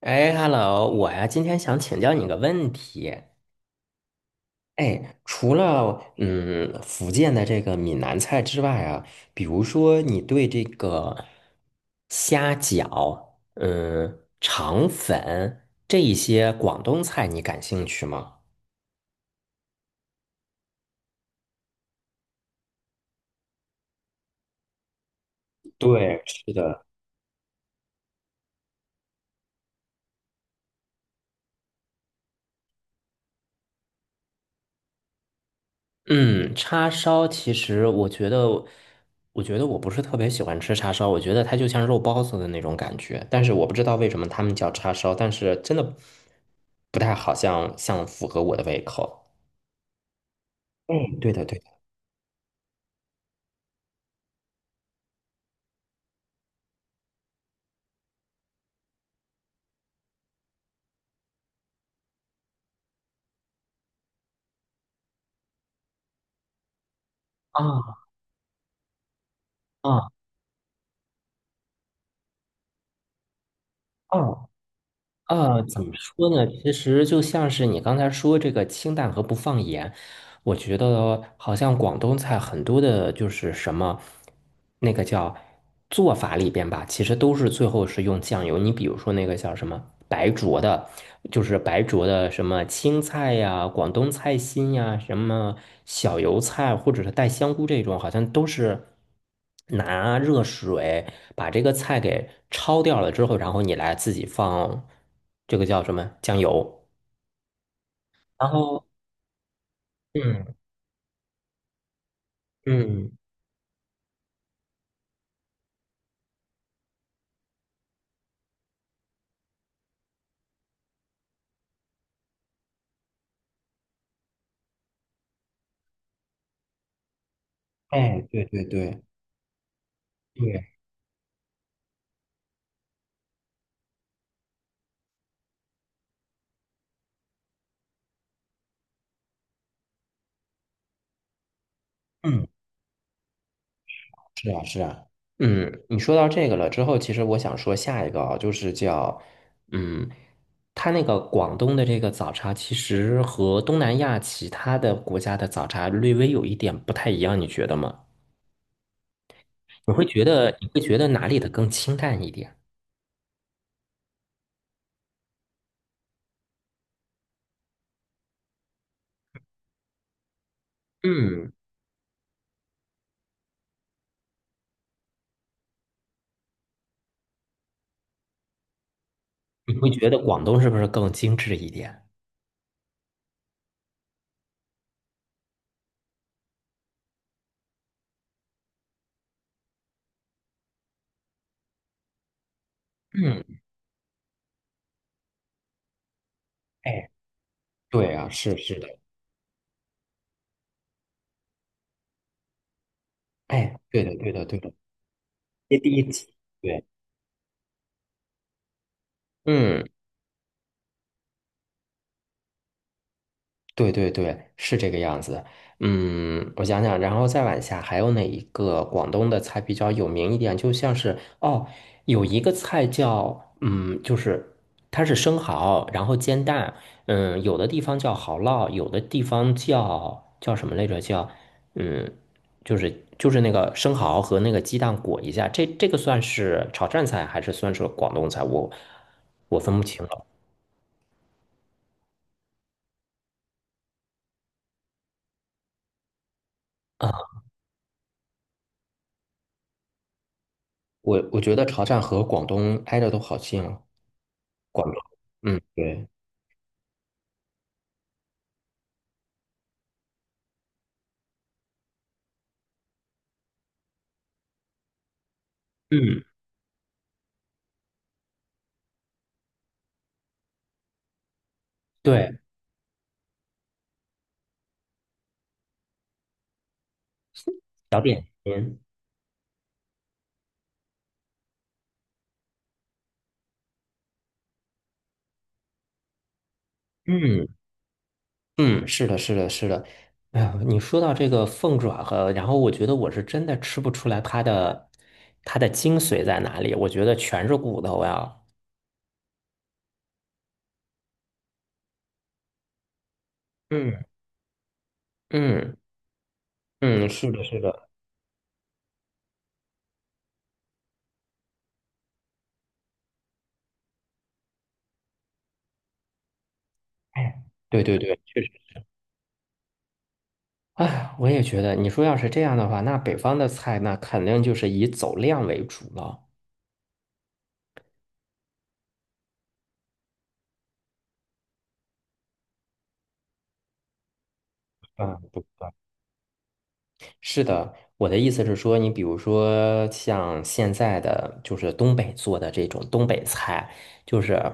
哎，hello，我呀，今天想请教你个问题。哎，除了福建的这个闽南菜之外啊，比如说你对这个虾饺、肠粉这一些广东菜，你感兴趣吗？对，是的。嗯，叉烧其实我觉得我不是特别喜欢吃叉烧，我觉得它就像肉包子的那种感觉，但是我不知道为什么他们叫叉烧，但是真的不太好像符合我的胃口。嗯，对的，对的。啊啊啊啊！怎么说呢？其实就像是你刚才说这个清淡和不放盐，我觉得好像广东菜很多的，就是什么那个叫做法里边吧，其实都是最后是用酱油。你比如说那个叫什么白灼的，就是白灼的什么青菜呀、广东菜心呀、什么小油菜或者是带香菇这种，好像都是拿热水把这个菜给焯掉了之后，然后你来自己放这个叫什么酱油，然后嗯嗯，哎，对对对。对，嗯，是啊，是啊，嗯，你说到这个了之后，其实我想说下一个啊，就是叫，嗯，它那个广东的这个早茶，其实和东南亚其他的国家的早茶略微有一点不太一样，你觉得吗？你会觉得哪里的更清淡一点？嗯，你会觉得广东是不是更精致一点？嗯，哎，对啊，是是的，哎，对的，对的，对的，第一气，对，嗯。对对对，是这个样子。嗯，我想想，然后再往下还有哪一个广东的菜比较有名一点？就像是哦，有一个菜叫就是它是生蚝，然后煎蛋。嗯，有的地方叫蚝烙，有的地方叫什么来着？叫嗯，就是那个生蚝和那个鸡蛋裹一下。这个算是潮汕菜还是算是广东菜？我分不清了啊。我觉得潮汕和广东挨着都好近啊。管了。嗯对，嗯，对，小点心。嗯嗯，是的，是的，是的。哎呀，你说到这个凤爪和，然后我觉得我是真的吃不出来它的精髓在哪里，我觉得全是骨头呀。嗯嗯嗯，是的，是的。哎，对对对，确实。哎，我也觉得，你说要是这样的话，那北方的菜那肯定就是以走量为主了。嗯，对是的，我的意思是说，你比如说像现在的就是东北做的这种东北菜，就是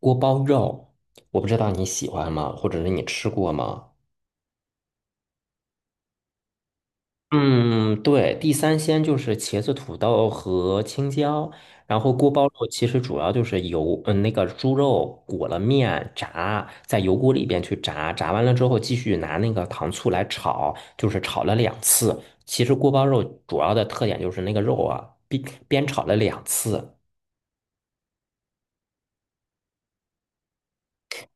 锅包肉，我不知道你喜欢吗，或者是你吃过吗？嗯，对，地三鲜就是茄子、土豆和青椒，然后锅包肉其实主要就是油，那个猪肉裹了面炸，在油锅里边去炸，炸完了之后继续拿那个糖醋来炒，就是炒了两次。其实锅包肉主要的特点就是那个肉啊，煸炒了两次。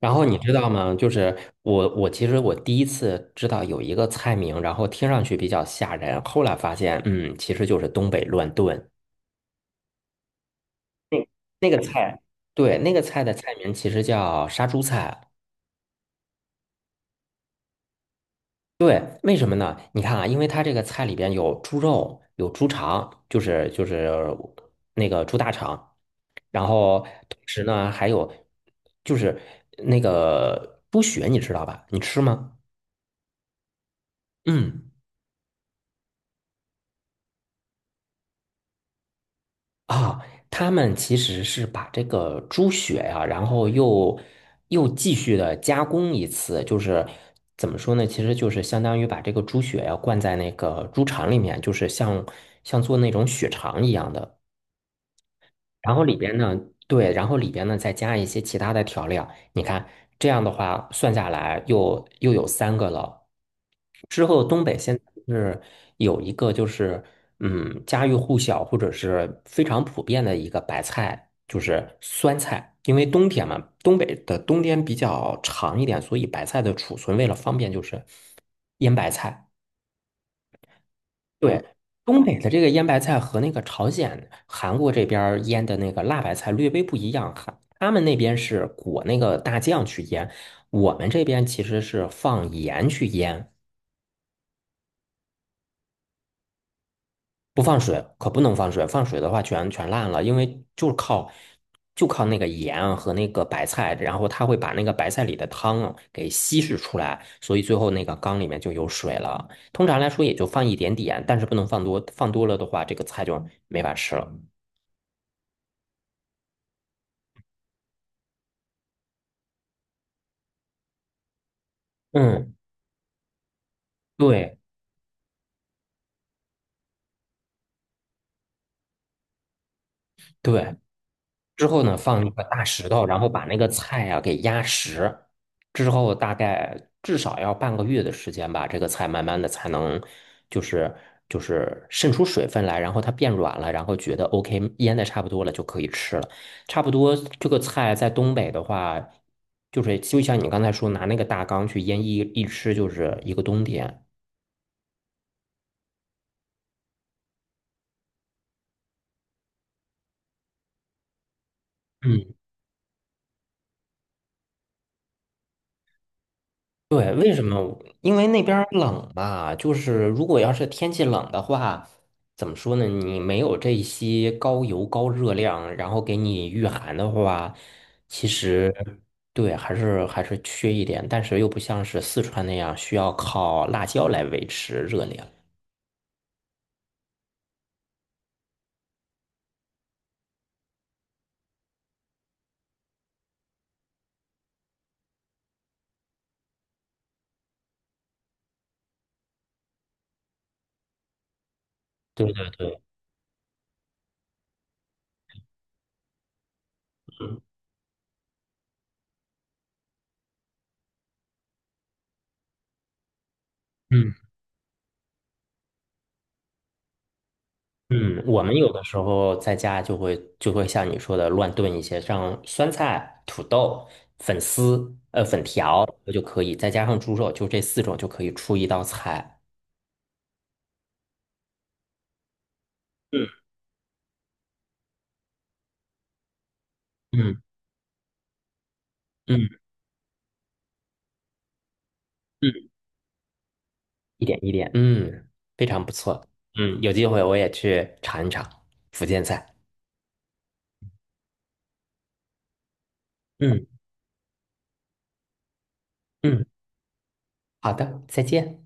然后你啊知道吗？就是我其实我第一次知道有一个菜名，然后听上去比较吓人，后来发现，其实就是东北乱炖。那那个菜，对，那个菜的菜名其实叫杀猪菜。对，为什么呢？你看啊，因为它这个菜里边有猪肉，有猪肠，就是那个猪大肠，然后同时呢还有就是那个猪血，你知道吧？你吃吗？嗯。啊，他们其实是把这个猪血呀、然后又继续的加工一次，就是怎么说呢？其实就是相当于把这个猪血呀、灌在那个猪肠里面，就是像做那种血肠一样的。然后里边呢，对，然后里边呢再加一些其他的调料。你看，这样的话算下来又有三个了。之后东北现在是有一个就是家喻户晓或者是非常普遍的一个白菜，就是酸菜。因为冬天嘛，东北的冬天比较长一点，所以白菜的储存为了方便就是腌白菜。对，东北的这个腌白菜和那个朝鲜、韩国这边儿腌的那个辣白菜略微不一样，哈，他们那边是裹那个大酱去腌，我们这边其实是放盐去腌，不放水，可不能放水，放水的话全烂了，因为就是靠就靠那个盐和那个白菜，然后它会把那个白菜里的汤啊给稀释出来，所以最后那个缸里面就有水了。通常来说也就放一点点，但是不能放多，放多了的话这个菜就没法吃了。嗯。对对，之后呢，放一个大石头，然后把那个菜啊给压实，之后大概至少要半个月的时间吧，这个菜慢慢的才能就是就是渗出水分来，然后它变软了，然后觉得 OK，腌的差不多了就可以吃了。差不多这个菜在东北的话，就是就像你刚才说，拿那个大缸去腌一吃就是一个冬天。嗯对，为什么我因为那边儿冷吧，就是如果要是天气冷的话，怎么说呢？你没有这些高油高热量，然后给你御寒的话，其实对，还是缺一点，但是又不像是四川那样需要靠辣椒来维持热量。对对对，嗯嗯，我们有的时候在家就会像你说的乱炖一些，像酸菜、土豆、粉丝、粉条就可以，再加上猪肉，就这四种就可以出一道菜。嗯嗯嗯嗯，一点一点，嗯，非常不错。嗯，有机会我也去尝一尝福建菜。嗯嗯，好的，再见。